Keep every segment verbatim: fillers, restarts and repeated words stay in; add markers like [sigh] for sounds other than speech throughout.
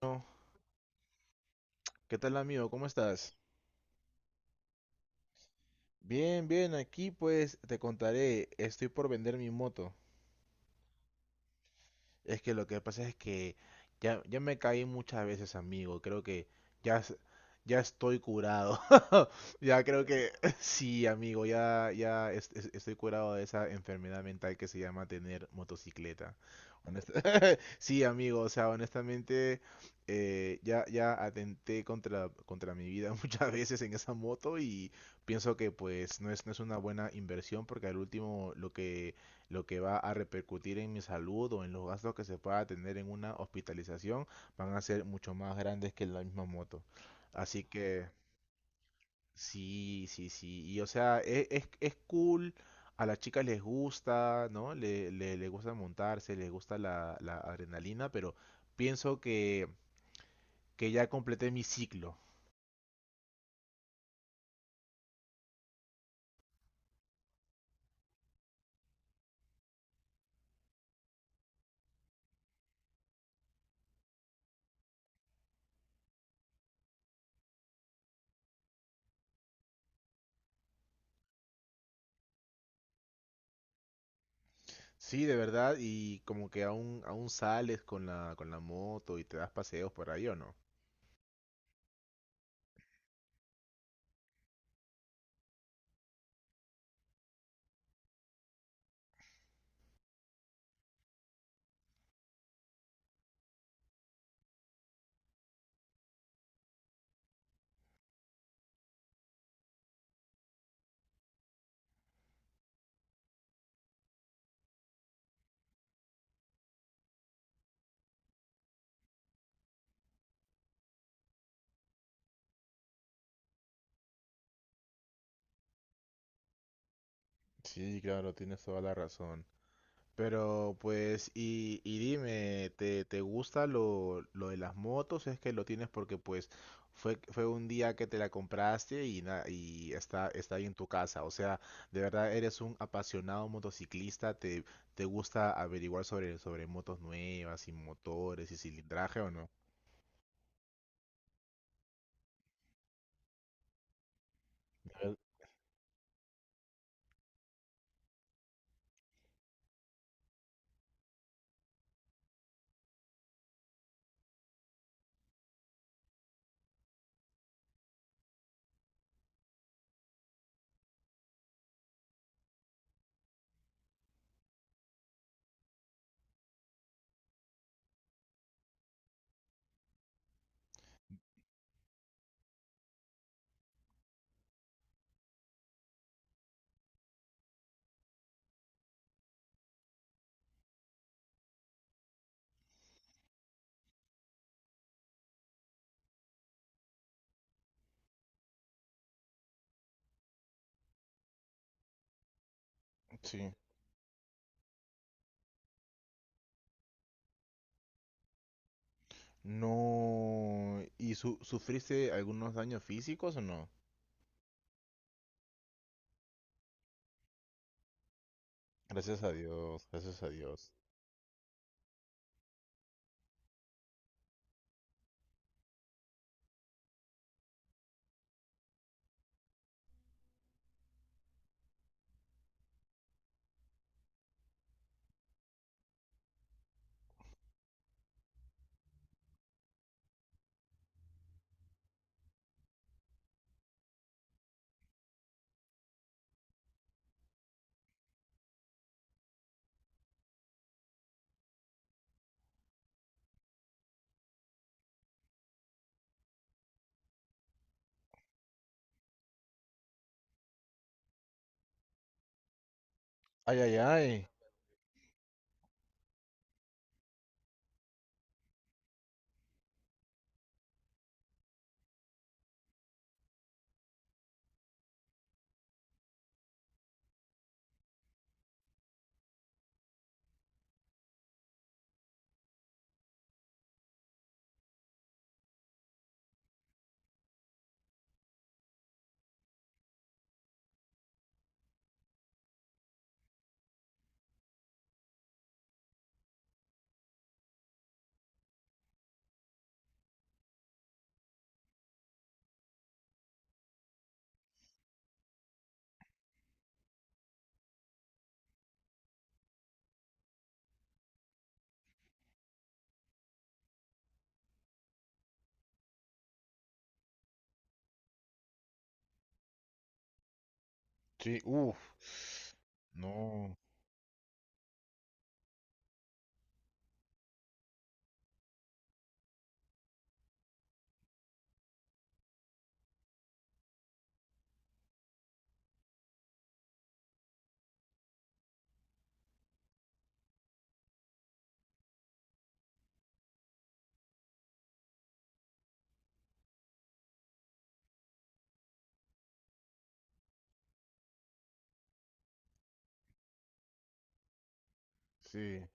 Bueno, ¿qué tal amigo? ¿Cómo estás? Bien, bien, aquí pues te contaré, estoy por vender mi moto. Es que lo que pasa es que ya, ya me caí muchas veces, amigo. Creo que ya, es- ya estoy curado. [laughs] Ya creo que [laughs] sí, amigo. Ya, ya es- es- estoy curado de esa enfermedad mental que se llama tener motocicleta. Honest- [laughs] Sí, amigo. O sea, honestamente, eh, ya, ya atenté contra, contra mi vida [laughs] muchas veces en esa moto y pienso que pues no es, no es una buena inversión porque al último lo que lo que va a repercutir en mi salud o en los gastos que se pueda tener en una hospitalización van a ser mucho más grandes que la misma moto. Así que sí, sí, sí. Y o sea, e- es, es cool. A las chicas les gusta, ¿no? Le, le, le gusta montarse, les gusta la, la adrenalina, pero pienso que, que ya completé mi ciclo. Sí, de verdad, y como que aún, aún sales con la, con la moto y te das paseos por ahí, ¿o no? Sí, claro, tienes toda la razón. Pero pues, y, y dime, ¿te, te gusta lo, lo de las motos? Es que lo tienes porque pues fue, fue un día que te la compraste y, na- y está, está ahí en tu casa. O sea, de verdad eres un apasionado motociclista, ¿te, te gusta averiguar sobre, sobre motos nuevas y motores y cilindraje o no? Eh, sí. No. ¿Y su- sufriste algunos daños físicos o no? Gracias a Dios, gracias a Dios. Ay, ay, ay. Sí, uff. No, sí.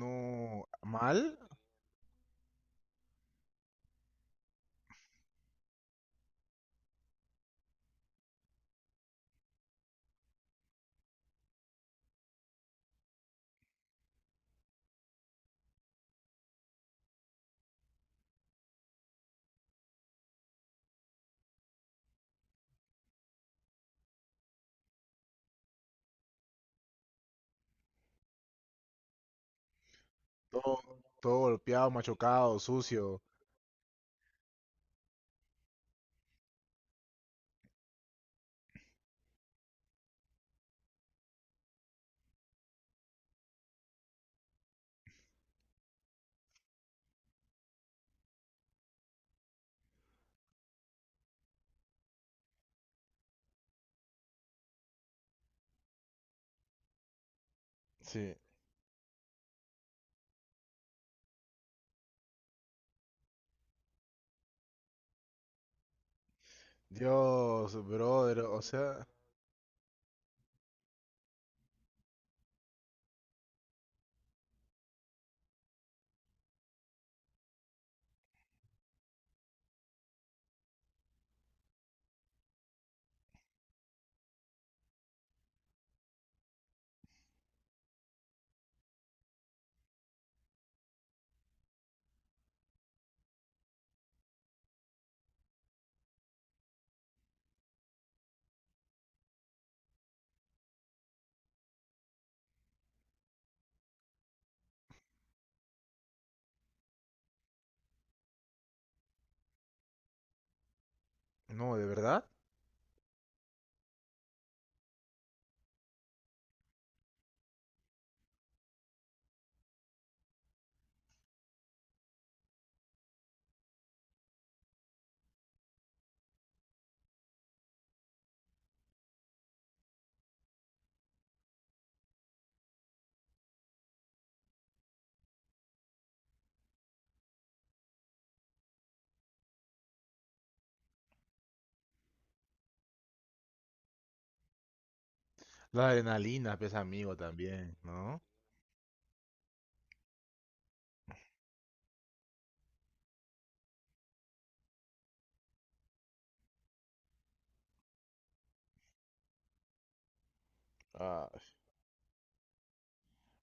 No, mal. Todo, todo golpeado, machucado, sucio. Sí. Dios, brother, o sea, no, de verdad. La adrenalina, pesa amigo, también, ¿no?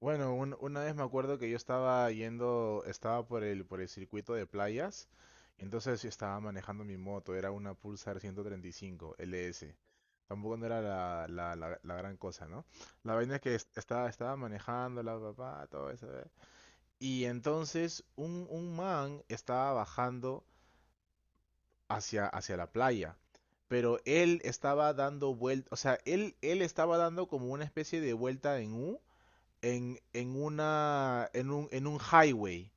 Bueno, un- una vez me acuerdo que yo estaba yendo, estaba por el, por el circuito de playas, y entonces yo estaba manejando mi moto, era una Pulsar ciento treinta y cinco L S. Tampoco no era la, la, la- la gran cosa, ¿no? La vaina es que es- estaba, estaba manejando la papá, todo eso. ¿Eh? Y entonces un, un man estaba bajando hacia, hacia la playa, pero él estaba dando vuelta, o sea, él, él estaba dando como una especie de vuelta en U en, en, una, en, un, en un highway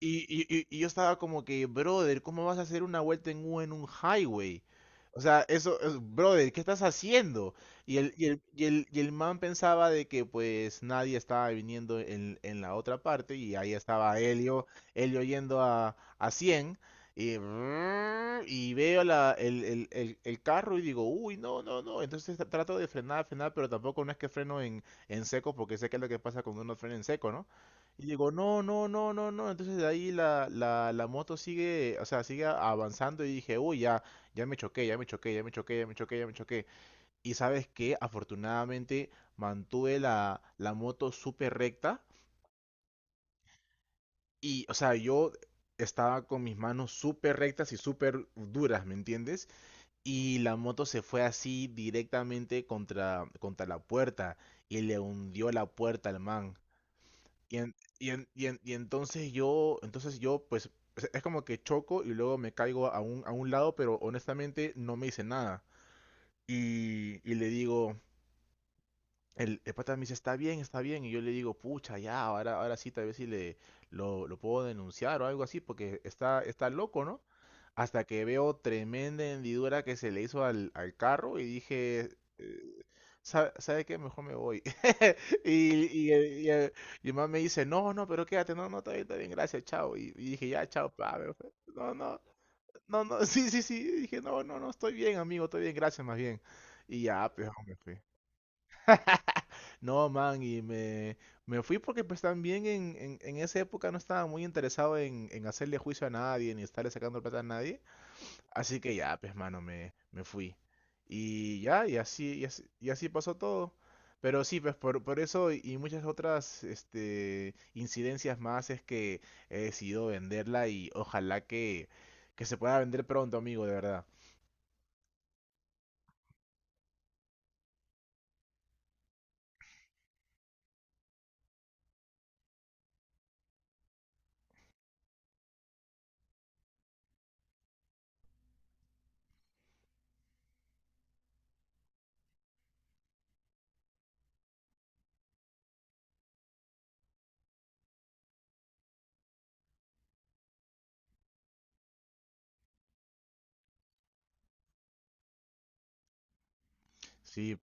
y, y- y- y yo estaba como que, brother, ¿cómo vas a hacer una vuelta en U en un highway? O sea, eso, es- brother, ¿qué estás haciendo? Y el, y el, y el, y el man pensaba de que pues nadie estaba viniendo en, en la otra parte y ahí estaba Helio, Helio yendo a, a cien y, brrr, y veo la, el, el, el, el carro y digo, uy, no, no, no. Entonces tra- trato de frenar, frenar, pero tampoco no es que freno en, en seco porque sé que es lo que pasa cuando uno frena en seco, ¿no? Y digo, no, no, no, no, no. Entonces de ahí la, la, la moto sigue, o sea, sigue avanzando y dije, uy, ya, ya me choqué, ya me choqué, ya me choqué, ya me choqué, ya me choqué. Y sabes qué, afortunadamente mantuve la, la moto súper recta y, o sea, yo estaba con mis manos súper rectas y súper duras, ¿me entiendes? Y la moto se fue así directamente contra, contra la puerta y le hundió la puerta al man. Y, en- y, en- y, en- y entonces yo, entonces yo, pues, es es como que choco y luego me caigo a un, a un lado, pero honestamente no me hice nada. Y, y le digo, el, el pata me dice, está bien, está bien. Y yo le digo, pucha, ya, ahora, ahora sí, tal vez sí le, lo, lo puedo denunciar o algo así, porque está, está loco, ¿no? Hasta que veo tremenda hendidura que se le hizo al, al carro y dije, eh, ¿sabe, sabe qué? Mejor me voy. [laughs] Y, y, el- y, el- y el man me dice, no, no, pero quédate, no, no, está bien, está bien, gracias, chao. Y, y dije, ya, chao, pa. Me fue. No, no, no, no, [laughs] sí, sí, sí. Y dije, no, no, no, estoy bien, amigo, estoy bien, gracias, más bien. Y ya, pues, me fui. [laughs] No, man, y me, me fui porque pues también en, en, en esa época no estaba muy interesado en, en hacerle juicio a nadie, ni estarle sacando plata a nadie. Así que ya, pues mano, me, me fui. Y ya, y así, y así, y así pasó todo. Pero sí, pues por, por eso y y muchas otras este, incidencias más es que he decidido venderla y ojalá que, que se pueda vender pronto, amigo, de verdad. Sí,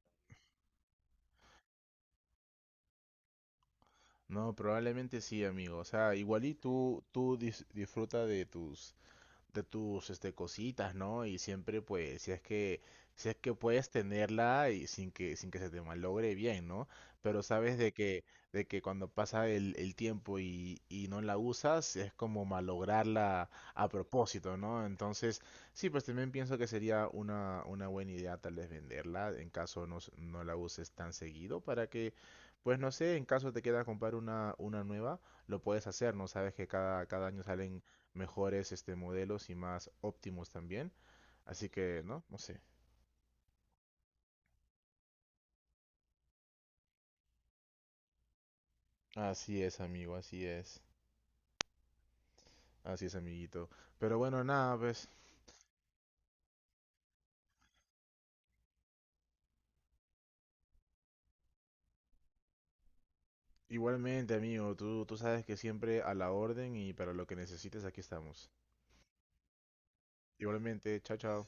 no, probablemente sí, amigo. O sea, igual y tú, tú dis- disfruta de tus de tus este cositas, ¿no? Y siempre pues si es que si es que puedes tenerla y sin que sin que se te malogre bien, ¿no? Pero sabes de que de que cuando pasa el, el tiempo y, y no la usas es como malograrla a propósito, ¿no? Entonces, sí, pues también pienso que sería una una buena idea tal vez venderla en caso no s- no la uses tan seguido para que pues no sé, en caso te queda comprar una, una nueva, lo puedes hacer, ¿no? Sabes que cada, cada año salen mejores este modelos y más óptimos también. Así que, ¿no? No sé. Así es, amigo, así es. Así es, amiguito. Pero bueno, nada, pues igualmente, amigo, tú, tú sabes que siempre a la orden y para lo que necesites aquí estamos. Igualmente, chao, chao.